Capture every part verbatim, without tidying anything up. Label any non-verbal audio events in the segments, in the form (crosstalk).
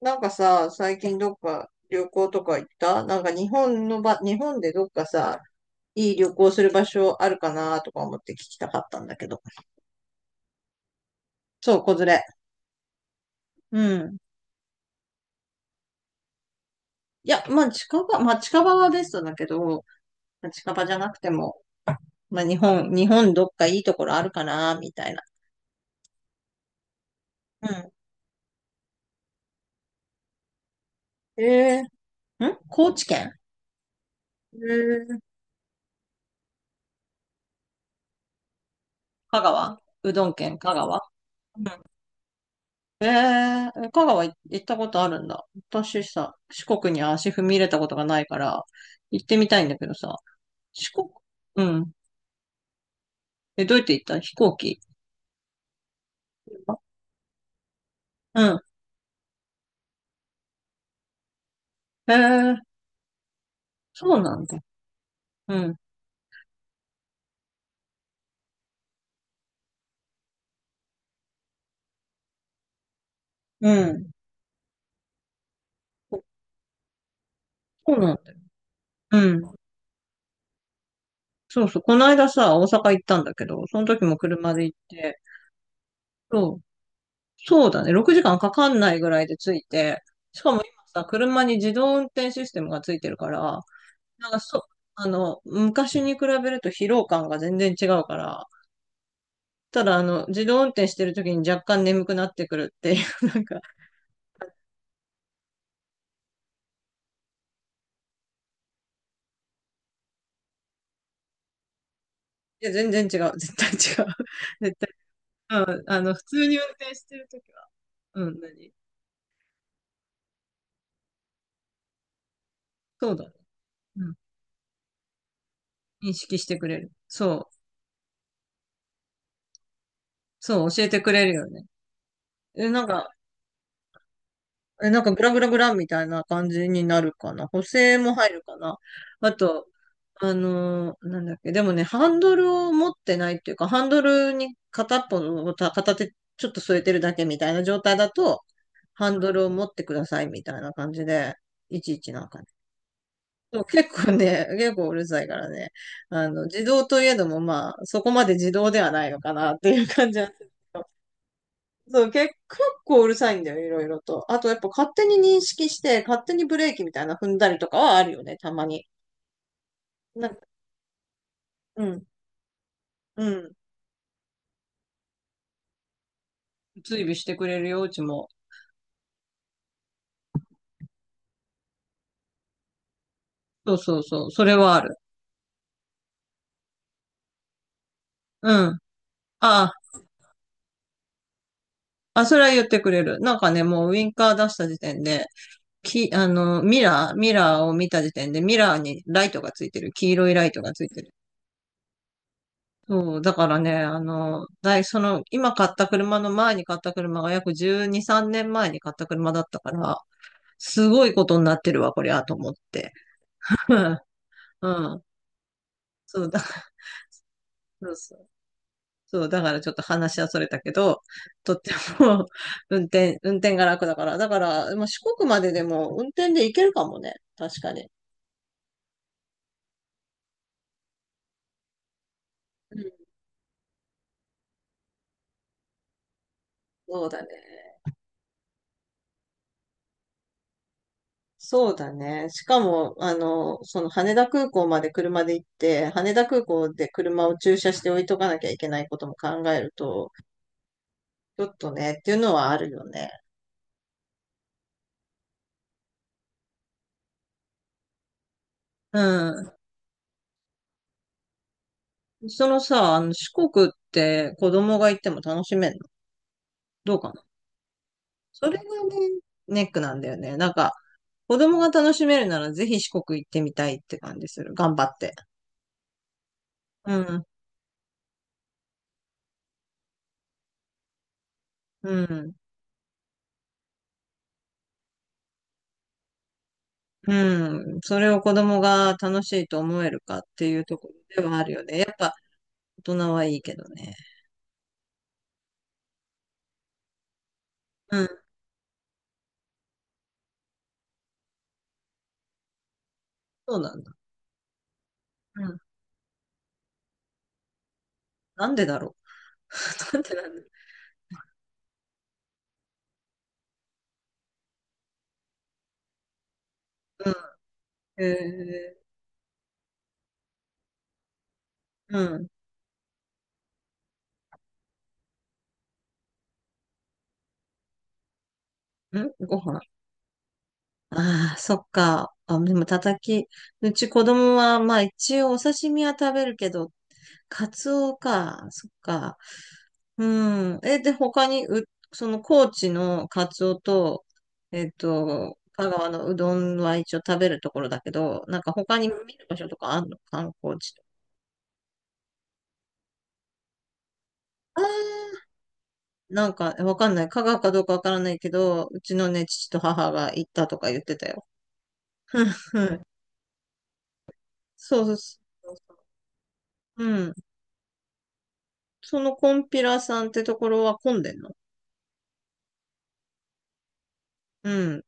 なんかさ、最近どっか旅行とか行ったなんか日本のば、日本でどっかさ、いい旅行する場所あるかなとか思って聞きたかったんだけど。そう、子連れ。うん。いや、まあ近場、まあ近場はベストだけど、まあ、近場じゃなくても、まあ日本、日本どっかいいところあるかなみたいな。うん。えー、ん高知県。えー、香川うどん県香川。うん。ええー、香川い行ったことあるんだ。私さ、四国に足踏み入れたことがないから、行ってみたいんだけどさ、四国、うん。え、どうやって行った？飛行機？うん。ええー、そうなんだ。うん。うん。そそうなんだよ。うん。そうそう。この間さ、大阪行ったんだけど、その時も車で行って、そう、そうだね。ろくじかんかんかかんないぐらいで着いて、しかも今さ、車に自動運転システムがついてるから、なんかそあの、昔に比べると疲労感が全然違うから、ただあの、自動運転してる時に若干眠くなってくるっていう、(laughs) なんか、いや、全然違う、絶対違う。(laughs) 絶対、うん、あの、普通に運転してる時は、うん、何そうだね。うん、認識してくれる。そう、そう、教えてくれるよね。え、なんか、え、なんかグラグラグラみたいな感じになるかな。補正も入るかな。あと、あのーなんだっけ、でもね、ハンドルを持ってないっていうか、ハンドルに片っぽの、た片手ちょっと添えてるだけみたいな状態だと、ハンドルを持ってくださいみたいな感じで、いちいちなんかね。そう、結構ね、(laughs) 結構うるさいからね。あの、自動といえども、まあ、そこまで自動ではないのかなっていう感じはする。そう、結結構うるさいんだよ、いろいろと。あと、やっぱ勝手に認識して、勝手にブレーキみたいな踏んだりとかはあるよね、たまに。なんか、うん、うん。追尾してくれるよ、うちも。そうそうそう、それはある。うん。ああ、あ、それは言ってくれる。なんかね、もうウィンカー出した時点で、き、あの、ミラー、ミラーを見た時点で、ミラーにライトがついてる。黄色いライトがついてる。そう、だからね、あの、だい、その、今買った車の前に買った車が約じゅうに、さんねんまえに買った車だったから、すごいことになってるわ、これあと思って。(laughs) うん。うん、そうだ、そうそう。そう、だからちょっと話はそれたけど、とっても (laughs) 運転、運転が楽だから。だから、まあ、四国まででも運転で行けるかもね。確かに。うん、そうだね。そうだね。しかも、あの、その羽田空港まで車で行って、羽田空港で車を駐車して置いとかなきゃいけないことも考えると、ちょっとね、っていうのはあるよね。うん。そのさ、あの四国って子供が行っても楽しめるの？どうかな？それがね、ネックなんだよね。なんか、子供が楽しめるならぜひ四国行ってみたいって感じする。頑張って。うん、うん、うん。それを子供が楽しいと思えるかっていうところではあるよね。やっぱ大人はいいけどね。うん、そうなんだ。うん。なんでだろう。(laughs) なんでなんだろう。うん。えー、うん。ん、ご飯。ああ、そっか。あ、でも、たたき。うち子供は、まあ一応お刺身は食べるけど、カツオか。そっか。うん。え、で、他に、う、その高知のカツオと、えっと、香川のうどんは一応食べるところだけど、なんか他に見る場所とかあるの？観光地とか？あー、なんか、わかんない。香川かどうかわからないけど、うちのね、父と母が行ったとか言ってたよ。(laughs) そうそうそう。うん。そのコンピラさんってところは混んでんの？うん。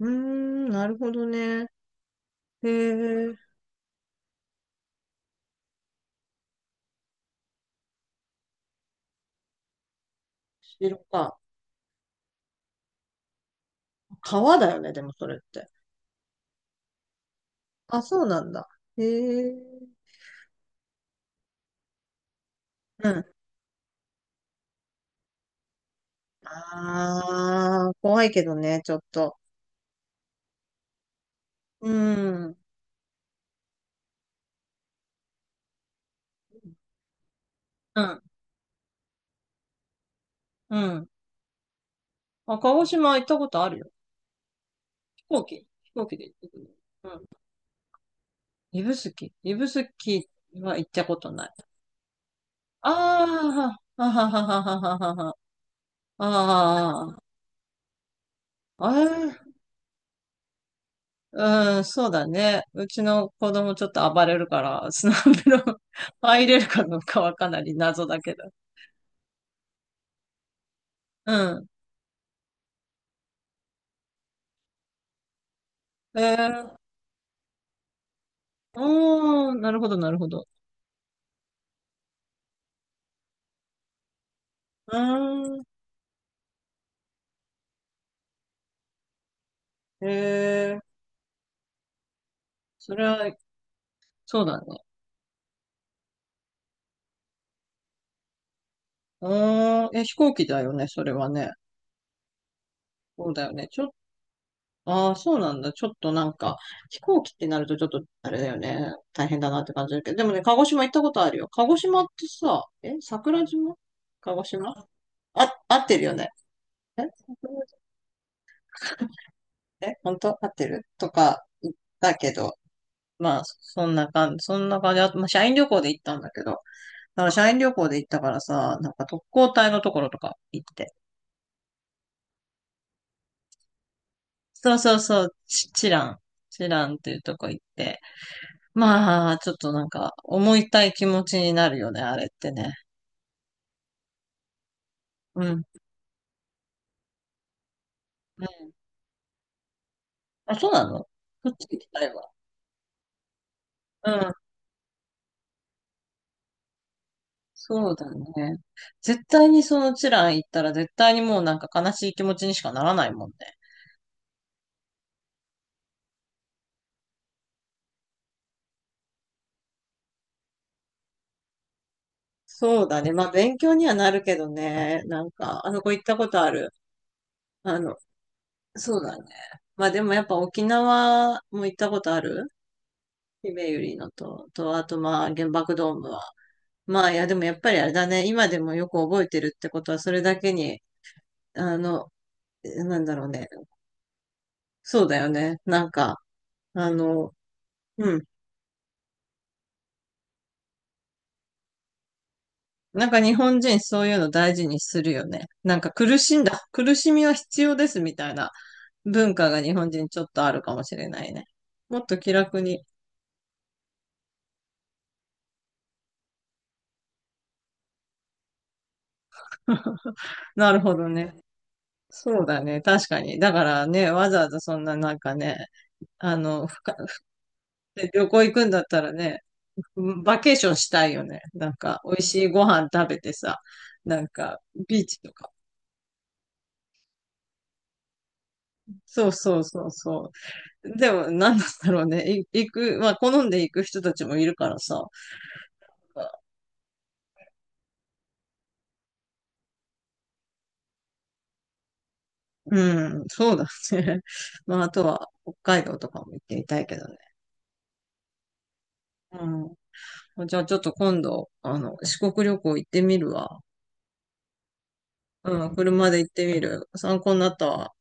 うーん、なるほどね。へえ、白か。川だよね、でもそれって。あ、そうなんだ。へえ。うん。ああ、怖いけどね、ちょっと。うん。うん。うん。あ、鹿児島行ったことあるよ。飛行機飛行機で行ってくる。うん。指宿指宿は行ったことない。ああ、はははははははは。ああ、ああ、うん、そうだね。うちの子供ちょっと暴れるから、(laughs) スナップの入れるかどうかはかなり謎だけど。うん。えー、おー、なるほど、なるほど。うーん、えー、それは、そうだね。うーん、え、飛行機だよね、それはね。そうだよね。ちょっとああそうなんだ。ちょっとなんか、飛行機ってなるとちょっと、あれだよね。大変だなって感じだけど。でもね、鹿児島行ったことあるよ。鹿児島ってさ、え、桜島。鹿児島。あ、合ってるよね。え、え、本当合ってるとか、ったけど、まあ、そんな感じ、そんな感じ。あと、まあ、社員旅行で行ったんだけど、だから社員旅行で行ったからさ、なんか特攻隊のところとか行って。そうそうそう、チチラン。チランっていうとこ行って。まあ、ちょっとなんか、思いたい気持ちになるよね、あれってね。うん。うん。あ、そうなの？そっち行きたいわ。うん。そうだね。絶対にそのチラン行ったら絶対にもうなんか悲しい気持ちにしかならないもんね。そうだね。まあ、勉強にはなるけどね。なんか、あの子行ったことある。あの、そうだね。まあ、でもやっぱ沖縄も行ったことある。ひめゆりのと、と、あとまあ、原爆ドームは。まあ、いや、でもやっぱりあれだね。今でもよく覚えてるってことは、それだけに、あの、なんだろうね。そうだよね。なんか、あの、うん。なんか日本人そういうの大事にするよね。なんか苦しんだ。苦しみは必要ですみたいな。文化が日本人ちょっとあるかもしれないね。もっと気楽に。(laughs) なるほどね。そうだね。確かに。だからね、わざわざそんななんかね、あの、ふかで旅行行くんだったらね、バケーションしたいよね。なんか、美味しいご飯食べてさ、なんか、ビーチとか。そうそうそうそう。でも、なんだろうね。い行く、まあ、好んで行く人たちもいるからさ。うん、そうだね。(laughs) まあ、あとは、北海道とかも行ってみたいけどね。うん。じゃあちょっと今度、あの、四国旅行行ってみるわ。うん、車で行ってみる。参考になったわ。